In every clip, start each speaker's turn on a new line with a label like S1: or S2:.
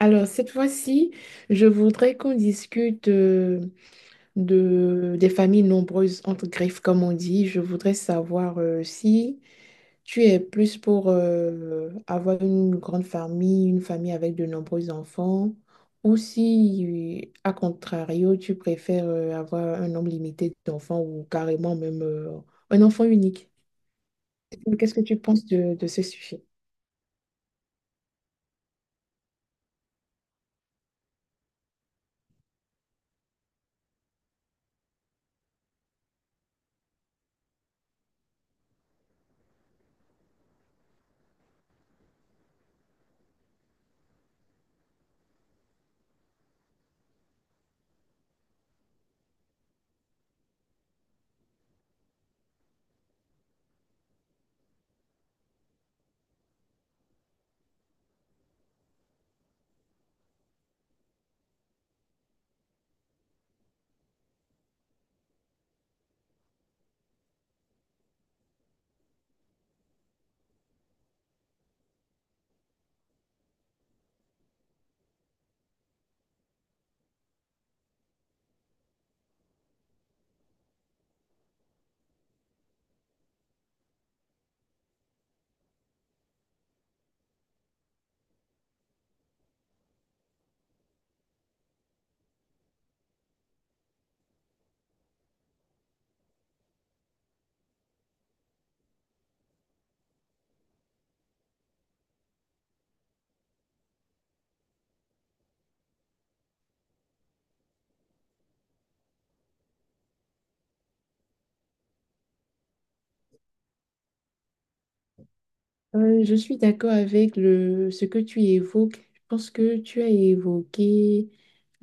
S1: Alors, cette fois-ci, je voudrais qu'on discute de, des familles nombreuses, entre griffes, comme on dit. Je voudrais savoir si tu es plus pour avoir une grande famille, une famille avec de nombreux enfants, ou si, à contrario, tu préfères avoir un nombre limité d'enfants ou carrément même un enfant unique. Qu'est-ce que tu penses de ce sujet? Je suis d'accord avec le, ce que tu évoques. Je pense que tu as évoqué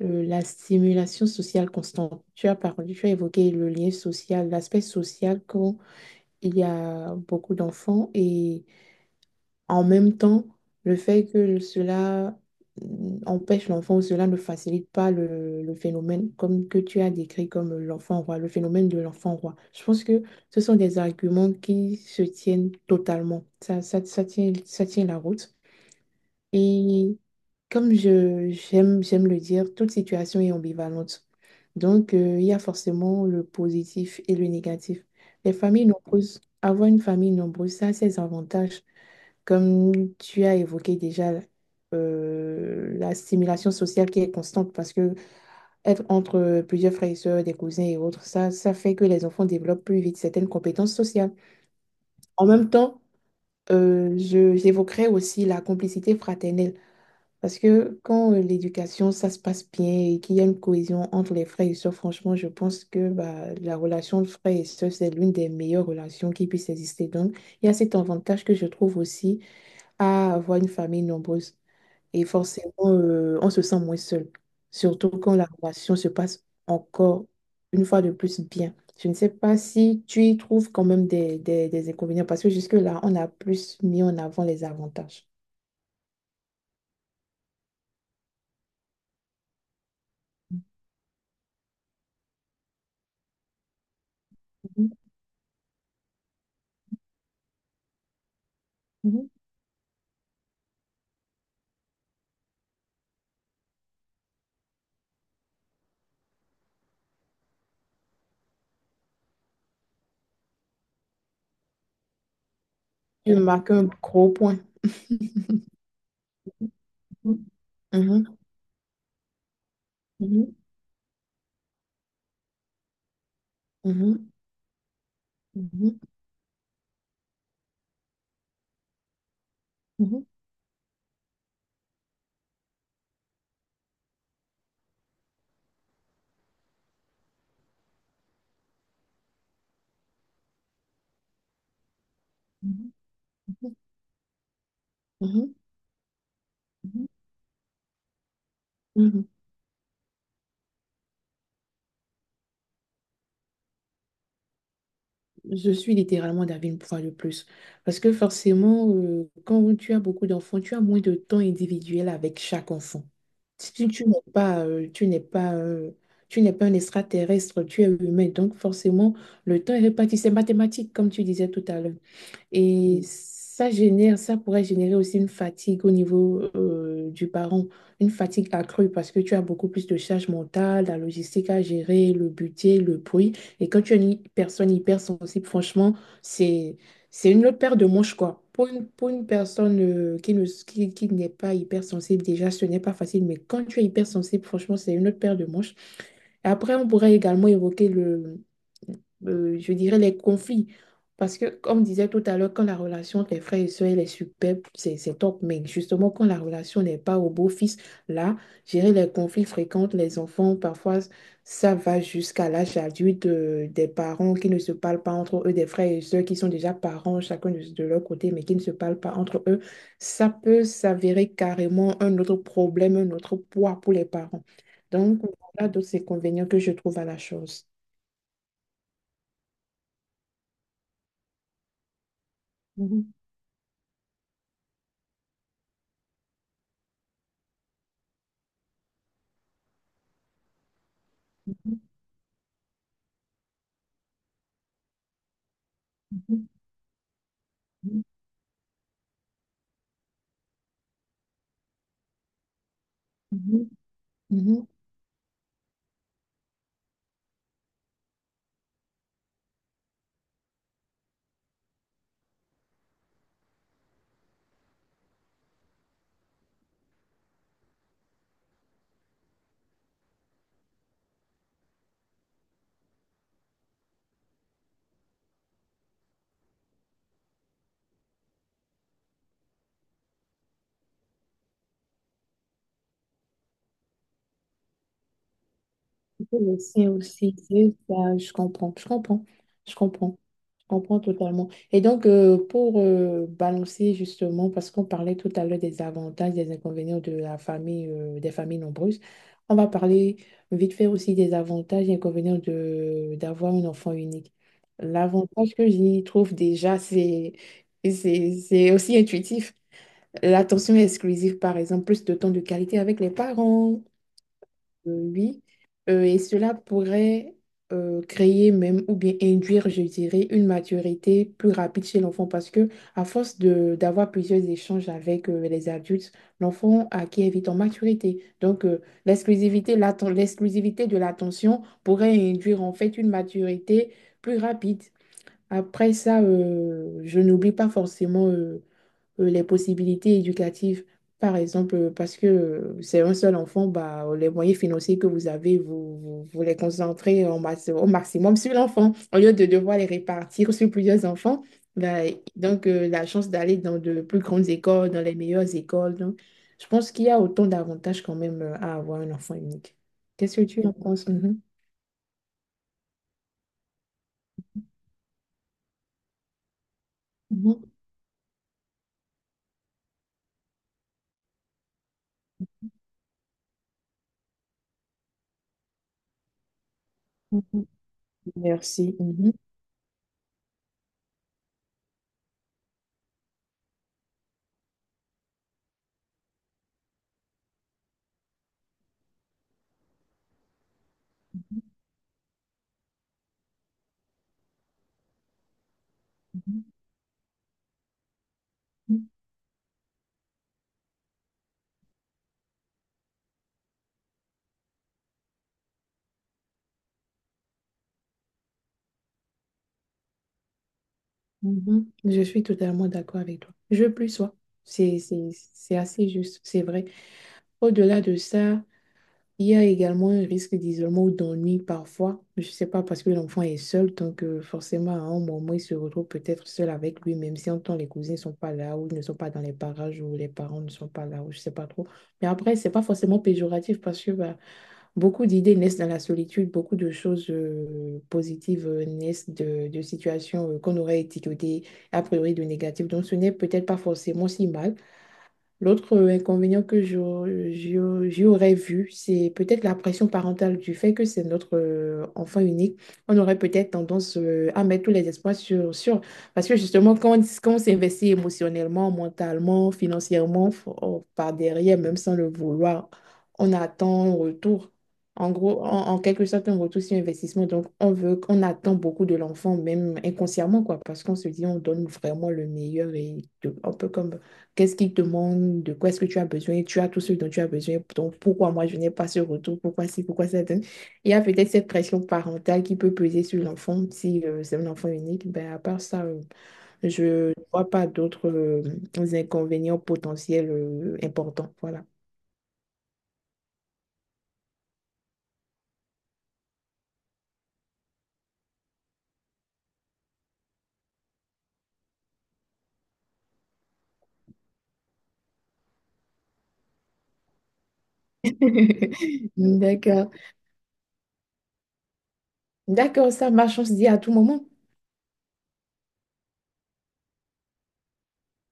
S1: la stimulation sociale constante. Tu as parlé, tu as évoqué le lien social, l'aspect social quand il y a beaucoup d'enfants et en même temps, le fait que cela empêche l'enfant, ou cela ne facilite pas le, le phénomène comme que tu as décrit comme l'enfant roi, le phénomène de l'enfant roi. Je pense que ce sont des arguments qui se tiennent totalement. Ça, ça tient la route. Et comme je, j'aime, j'aime le dire, toute situation est ambivalente. Donc, il y a forcément le positif et le négatif. Les familles nombreuses, avoir une famille nombreuse, ça a ses avantages. Comme tu as évoqué déjà la stimulation sociale qui est constante parce que être entre plusieurs frères et sœurs, des cousins et autres, ça fait que les enfants développent plus vite certaines compétences sociales. En même temps, je, j'évoquerai aussi la complicité fraternelle parce que quand l'éducation, ça se passe bien et qu'il y a une cohésion entre les frères et sœurs, franchement, je pense que bah, la relation de frères et sœurs, c'est l'une des meilleures relations qui puisse exister. Donc, il y a cet avantage que je trouve aussi à avoir une famille nombreuse. Et forcément, on se sent moins seul. Surtout quand la relation se passe encore une fois de plus bien. Je ne sais pas si tu y trouves quand même des inconvénients parce que jusque-là, on a plus mis en avant les avantages. Mhm, mhm. Tu marques un gros point. Mhm, mhm, mhm, mhm, mhm, mhm, mhm, mhm, mhm, mhm. Mhm. Je suis littéralement d'avis une fois de plus. Parce que forcément, quand tu as beaucoup d'enfants, tu as moins de temps individuel avec chaque enfant. Si tu, tu n'es pas, tu n'es pas, tu n'es pas un extraterrestre, tu es humain. Donc forcément, le temps est réparti. C'est mathématique, comme tu disais tout à l'heure. Et ça génère, ça pourrait générer aussi une fatigue au niveau du parent, une fatigue accrue parce que tu as beaucoup plus de charge mentale, la logistique à gérer, le budget, le bruit. Et quand tu es une personne hypersensible, franchement, c'est, c'est une autre paire de manches, quoi. Pour une personne qui ne, qui n'est pas hypersensible, déjà, ce n'est pas facile. Mais quand tu es hypersensible, franchement, c'est une autre paire de manches. Et après, on pourrait également évoquer je dirais, les conflits. Parce que, comme disait tout à l'heure, quand la relation entre les frères et sœurs elle est superbe, c'est top. Mais justement, quand la relation n'est pas au beau-fils, là, gérer les conflits fréquents, entre les enfants, parfois, ça va jusqu'à l'âge adulte, des parents qui ne se parlent pas entre eux, des frères et sœurs qui sont déjà parents, chacun de leur côté, mais qui ne se parlent pas entre eux. Ça peut s'avérer carrément un autre problème, un autre poids pour les parents. Donc, voilà d'autres inconvénients que je trouve à la chose. Mhm. Mhm, mhm, mhm. Oui, c'est aussi, c'est ça, je comprends, je comprends, je comprends, je comprends totalement. Et donc, pour balancer justement, parce qu'on parlait tout à l'heure des avantages, des inconvénients de la famille, des familles nombreuses, on va parler vite fait aussi des avantages et inconvénients de d'avoir un enfant unique. L'avantage que j'y trouve déjà, c'est aussi intuitif. L'attention exclusive, par exemple, plus de temps de qualité avec les parents. Oui, et cela pourrait créer même ou bien induire, je dirais, une maturité plus rapide chez l'enfant parce que à force de d'avoir plusieurs échanges avec les adultes, l'enfant acquiert vite en maturité. Donc l'exclusivité, l'exclusivité de l'attention pourrait induire en fait une maturité plus rapide. Après ça, je n'oublie pas forcément les possibilités éducatives. Par exemple, parce que c'est un seul enfant, bah, les moyens financiers que vous avez, vous, vous, vous les concentrez en au maximum sur l'enfant, au lieu de devoir les répartir sur plusieurs enfants. Bah, donc, la chance d'aller dans de plus grandes écoles, dans les meilleures écoles. Donc, je pense qu'il y a autant d'avantages quand même à avoir un enfant unique. Qu'est-ce que tu en penses? Mhm. Mhm. Mhm. Merci. Mhm. Mhm. Mhm. Je suis totalement d'accord avec toi. Je plus sois. C'est assez juste, c'est vrai. Au-delà de ça, il y a également un risque d'isolement ou d'ennui parfois. Je ne sais pas, parce que l'enfant est seul, donc forcément, à un moment, il se retrouve peut-être seul avec lui, même si en temps les cousins ne sont pas là, ou ils ne sont pas dans les parages, ou les parents ne sont pas là, ou je ne sais pas trop. Mais après, ce n'est pas forcément péjoratif, parce que bah, beaucoup d'idées naissent dans la solitude, beaucoup de choses positives naissent de situations qu'on aurait étiquetées a priori de négatives. Donc ce n'est peut-être pas forcément si mal. L'autre inconvénient que je j'y aurais vu, c'est peut-être la pression parentale du fait que c'est notre enfant unique. On aurait peut-être tendance à mettre tous les espoirs sur, sur. Parce que justement, quand on, quand on s'investit émotionnellement, mentalement, financièrement, par derrière, même sans le vouloir, on attend un retour. En gros, en, en quelque sorte, un retour sur investissement. Donc, on veut, on attend beaucoup de l'enfant, même inconsciemment, quoi, parce qu'on se dit, on donne vraiment le meilleur et un peu comme qu'est-ce qu'il demande? De quoi est-ce que tu as besoin? Tu as tout ce dont tu as besoin. Donc, pourquoi moi, je n'ai pas ce retour? Pourquoi si? Pourquoi ça donne? Il y a peut-être cette pression parentale qui peut peser sur l'enfant. Si c'est un enfant unique, ben, à part ça, je ne vois pas d'autres inconvénients potentiels importants. Voilà. D'accord. D'accord, ça marche. On se dit à tout moment.